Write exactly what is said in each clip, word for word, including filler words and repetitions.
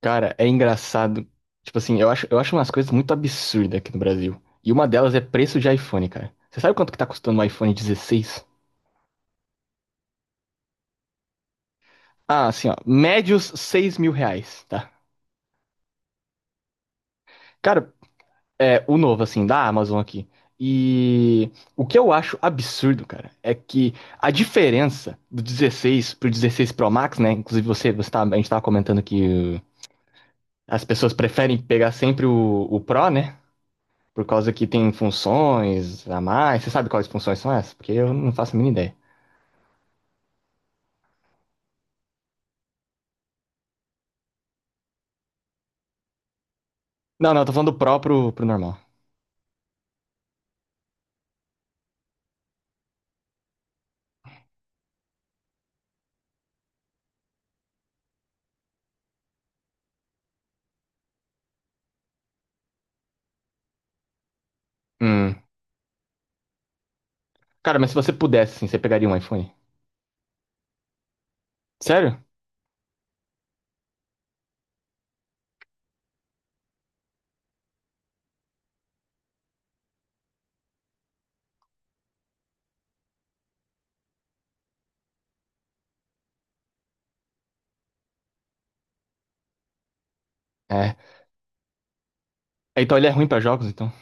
Cara, é engraçado. Tipo assim, eu acho, eu acho umas coisas muito absurdas aqui no Brasil. E uma delas é preço de iPhone, cara. Você sabe quanto que tá custando um iPhone dezesseis? Ah, assim, ó. Médios seis mil reais, tá? Cara, é o novo, assim, da Amazon aqui. E o que eu acho absurdo, cara, é que a diferença do dezesseis pro dezesseis Pro Max, né? Inclusive você, você tá, a gente tava comentando que uh, as pessoas preferem pegar sempre o, o Pro, né? Por causa que tem funções a mais. Você sabe quais funções são essas? Porque eu não faço a mínima ideia. Não, não, eu tô falando do Pro pro, pro normal. Hum. Cara, mas se você pudesse, assim, você pegaria um iPhone? Sério? É. É, então ele é ruim pra jogos, então.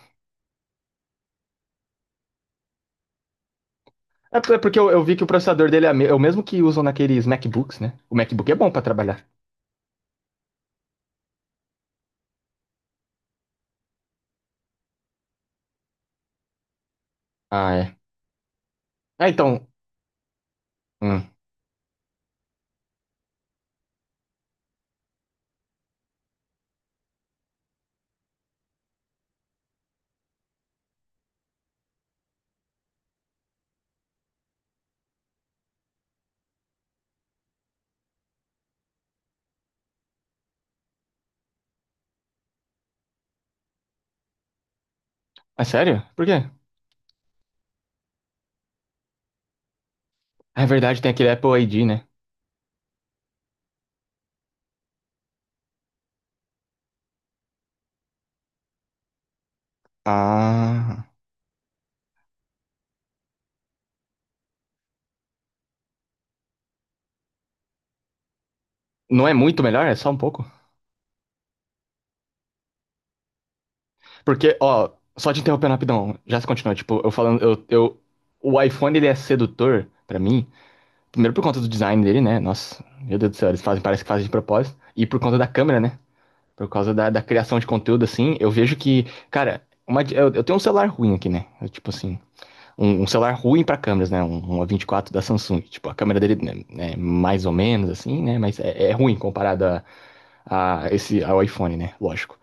É por- é porque eu, eu vi que o processador dele é me- é o mesmo que usam naqueles MacBooks, né? O MacBook é bom pra trabalhar. Ah, é. Ah, então. Hum. É sério? Por quê? É verdade, tem aquele Apple I D, né? Ah. Não é muito melhor? É só um pouco? Porque, ó, só te interrompendo rapidão, já se continua, tipo, eu falando, eu, eu, o iPhone ele é sedutor pra mim, primeiro por conta do design dele, né? Nossa, meu Deus do céu, eles fazem, parece que fazem de propósito, e por conta da câmera, né? Por causa da, da criação de conteúdo, assim, eu vejo que, cara, uma, di- eu, eu tenho um celular ruim aqui, né? Eu, tipo assim, um, um celular ruim pra câmeras, né? Um, um a vinte e quatro da Samsung, tipo, a câmera dele né, é mais ou menos, assim, né? Mas é, é ruim comparado a, a esse, ao iPhone, né? Lógico.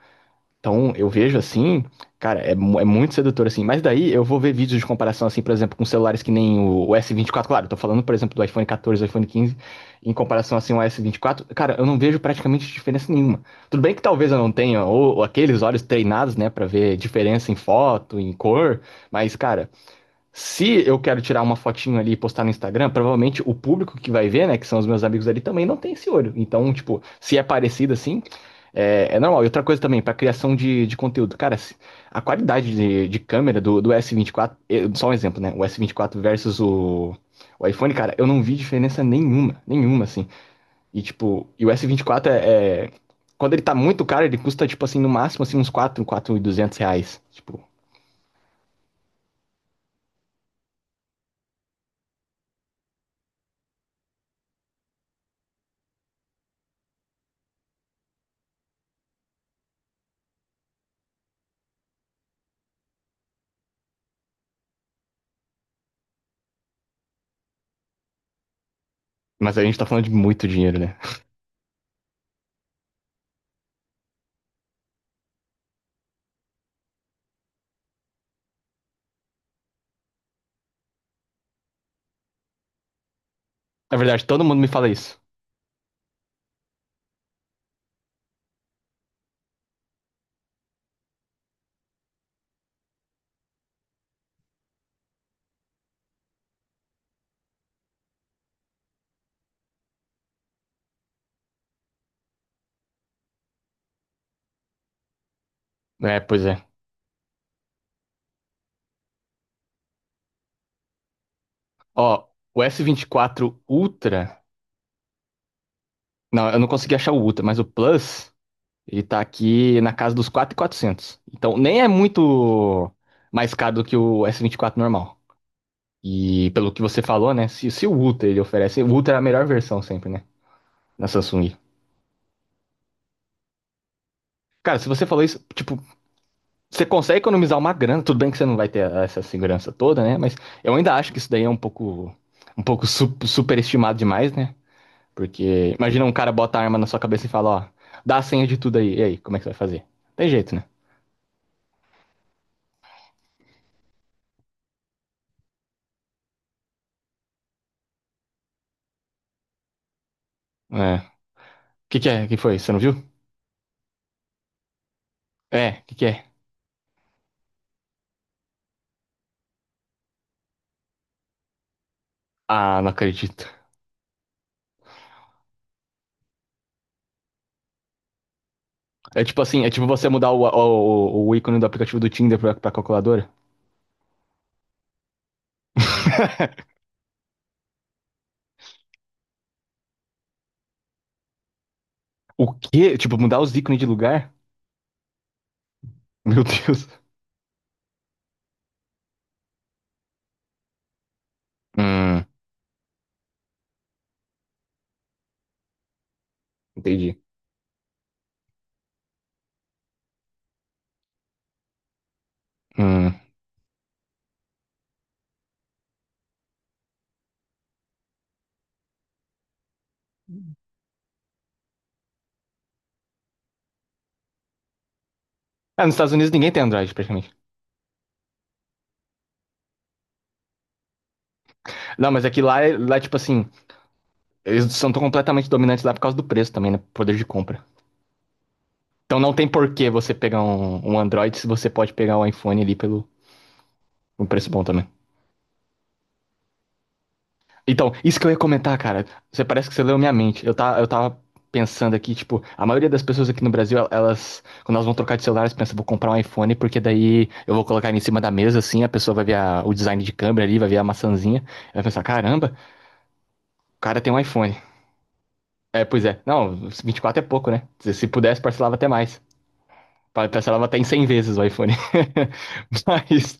Então, eu vejo assim, cara, é, mu- é muito sedutor assim. Mas daí eu vou ver vídeos de comparação, assim, por exemplo, com celulares que nem o, o S vinte e quatro. Claro, eu tô falando, por exemplo, do iPhone quatorze, iPhone quinze, em comparação, assim, ao S vinte e quatro. Cara, eu não vejo praticamente diferença nenhuma. Tudo bem que talvez eu não tenha, ou, ou aqueles olhos treinados, né, pra ver diferença em foto, em cor. Mas, cara, se eu quero tirar uma fotinho ali e postar no Instagram, provavelmente o público que vai ver, né, que são os meus amigos ali, também não tem esse olho. Então, tipo, se é parecido assim, é, é normal. E outra coisa também, para criação de, de conteúdo. Cara, se- a qualidade de, de câmera do, do S vinte e quatro, eh, só um exemplo, né? O s vinte e quatro versus o, o iPhone, cara, eu não vi diferença nenhuma, nenhuma, assim. E, tipo, e o S vinte e quatro é, é- Quando ele tá muito caro, ele custa, tipo assim, no máximo, assim, uns quatro quatro mil e duzentos reais. Tipo, mas a gente tá falando de muito dinheiro, né? Na verdade, todo mundo me fala isso. É, pois é. Ó, o s vinte e quatro Ultra. Não, eu não consegui achar o Ultra, mas o Plus, ele tá aqui na casa dos quatro mil e quatrocentos. Então, nem é muito mais caro do que o s vinte e quatro normal. E pelo que você falou, né? Se, se o Ultra ele oferece, o Ultra é a melhor versão sempre, né? Na Samsung. Cara, se você falou isso, tipo, você consegue economizar uma grana, tudo bem que você não vai ter essa segurança toda, né? Mas eu ainda acho que isso daí é um pouco, um pouco su- superestimado demais, né? Porque imagina um cara bota a arma na sua cabeça e fala, ó, dá a senha de tudo aí. E aí, como é que você vai fazer? Tem jeito, né? É. O que que é? O que foi? Você não viu? É, o que que é? Ah, não acredito. É tipo assim, é tipo você mudar o, o, o, o ícone do aplicativo do Tinder pra, pra calculadora. O quê? Tipo, mudar os ícones de lugar? Meu Deus. Hum, entendi. Hum. Ah, nos Estados Unidos ninguém tem Android, praticamente. Não, mas é que lá, lá tipo assim, eles são tão completamente dominantes lá por causa do preço também, né? Poder de compra. Então não tem por que você pegar um, um Android se você pode pegar um iPhone ali pelo um preço bom também. Então, isso que eu ia comentar, cara. Você parece que você leu minha mente. Eu, tá, eu tava pensando aqui, tipo, a maioria das pessoas aqui no Brasil, el- elas, quando elas vão trocar de celular, elas pensam, vou comprar um iPhone, porque daí eu vou colocar ele em cima da mesa, assim, a pessoa vai ver a- o design de câmera ali, vai ver a maçãzinha, ela vai pensar, caramba, o cara tem um iPhone. É, pois é. Não, vinte e quatro é pouco, né? Se, se pudesse, parcelava até mais. Pa- Parcelava até em cem vezes o iPhone. Mas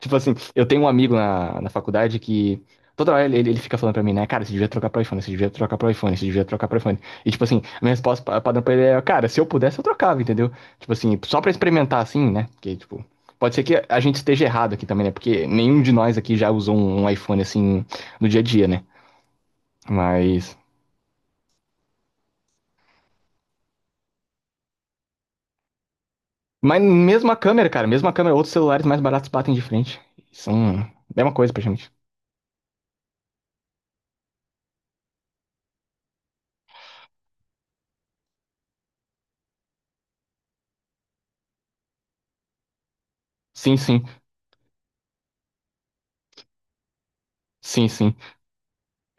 tipo assim, eu tenho um amigo na, na faculdade que toda hora ele, ele ele fica falando pra mim, né? Cara, você devia trocar pro iPhone, você devia trocar pro iPhone, você devia trocar pro iPhone. E tipo assim, a minha resposta pa- padrão pra ele é, cara, se eu pudesse eu trocava, entendeu? Tipo assim, só pra experimentar assim, né? Porque, tipo, pode ser que a gente esteja errado aqui também, né? Porque nenhum de nós aqui já usou um, um iPhone assim no dia a dia, né? Mas. Mas mesmo a câmera, cara, mesmo a câmera, outros celulares mais baratos batem de frente. São. É uma coisa pra gente. Sim, sim. Sim, sim.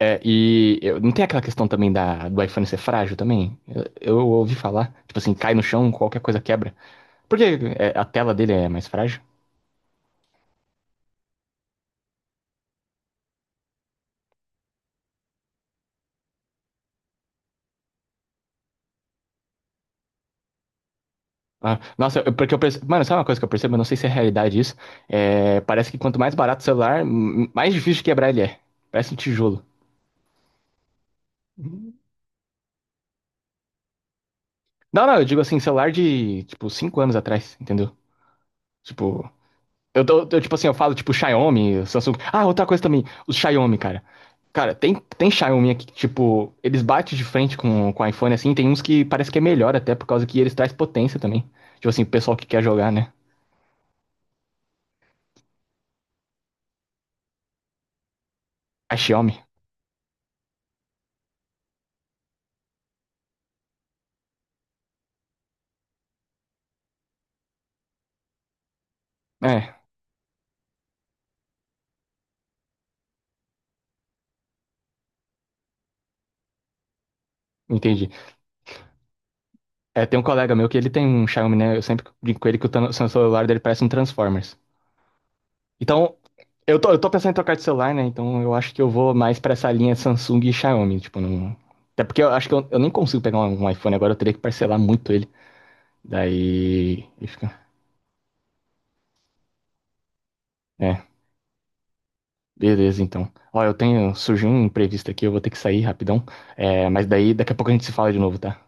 É, e eu- não tem aquela questão também da, do iPhone ser frágil também? Eu, eu ouvi falar, tipo assim, cai no chão, qualquer coisa quebra. Por que é, a tela dele é mais frágil? Ah, nossa, eu- porque eu percebo. Mano, sabe uma coisa que eu percebo? Eu não sei se é realidade isso. É, parece que quanto mais barato o celular, m- mais difícil de quebrar ele é. Parece um tijolo. Não, não, eu digo assim, celular de, tipo, cinco anos atrás, entendeu? Tipo, Eu, tô- eu, tipo assim, eu falo, tipo, Xiaomi, Samsung. Ah, outra coisa também, os Xiaomi, cara. Cara, tem, tem Xiaomi aqui que, tipo, eles batem de frente com, com o iPhone, assim, tem uns que parece que é melhor até, por causa que eles trazem potência também. Tipo assim, o pessoal que quer jogar, né? A Xiaomi. É, entendi. É, tem um colega meu que ele tem um Xiaomi, né? Eu sempre brinco com ele que o tan- o celular dele parece um Transformers. Então, eu tô, eu tô pensando em trocar de celular, né? Então eu acho que eu vou mais pra essa linha Samsung e Xiaomi, tipo, não... Até porque eu acho que eu, eu nem consigo pegar um, um iPhone agora, eu teria que parcelar muito ele. Daí. E fica. É, beleza então. Ó, eu tenho. Surgiu um imprevisto aqui, eu vou ter que sair rapidão. É, mas daí daqui a pouco a gente se fala de novo, tá?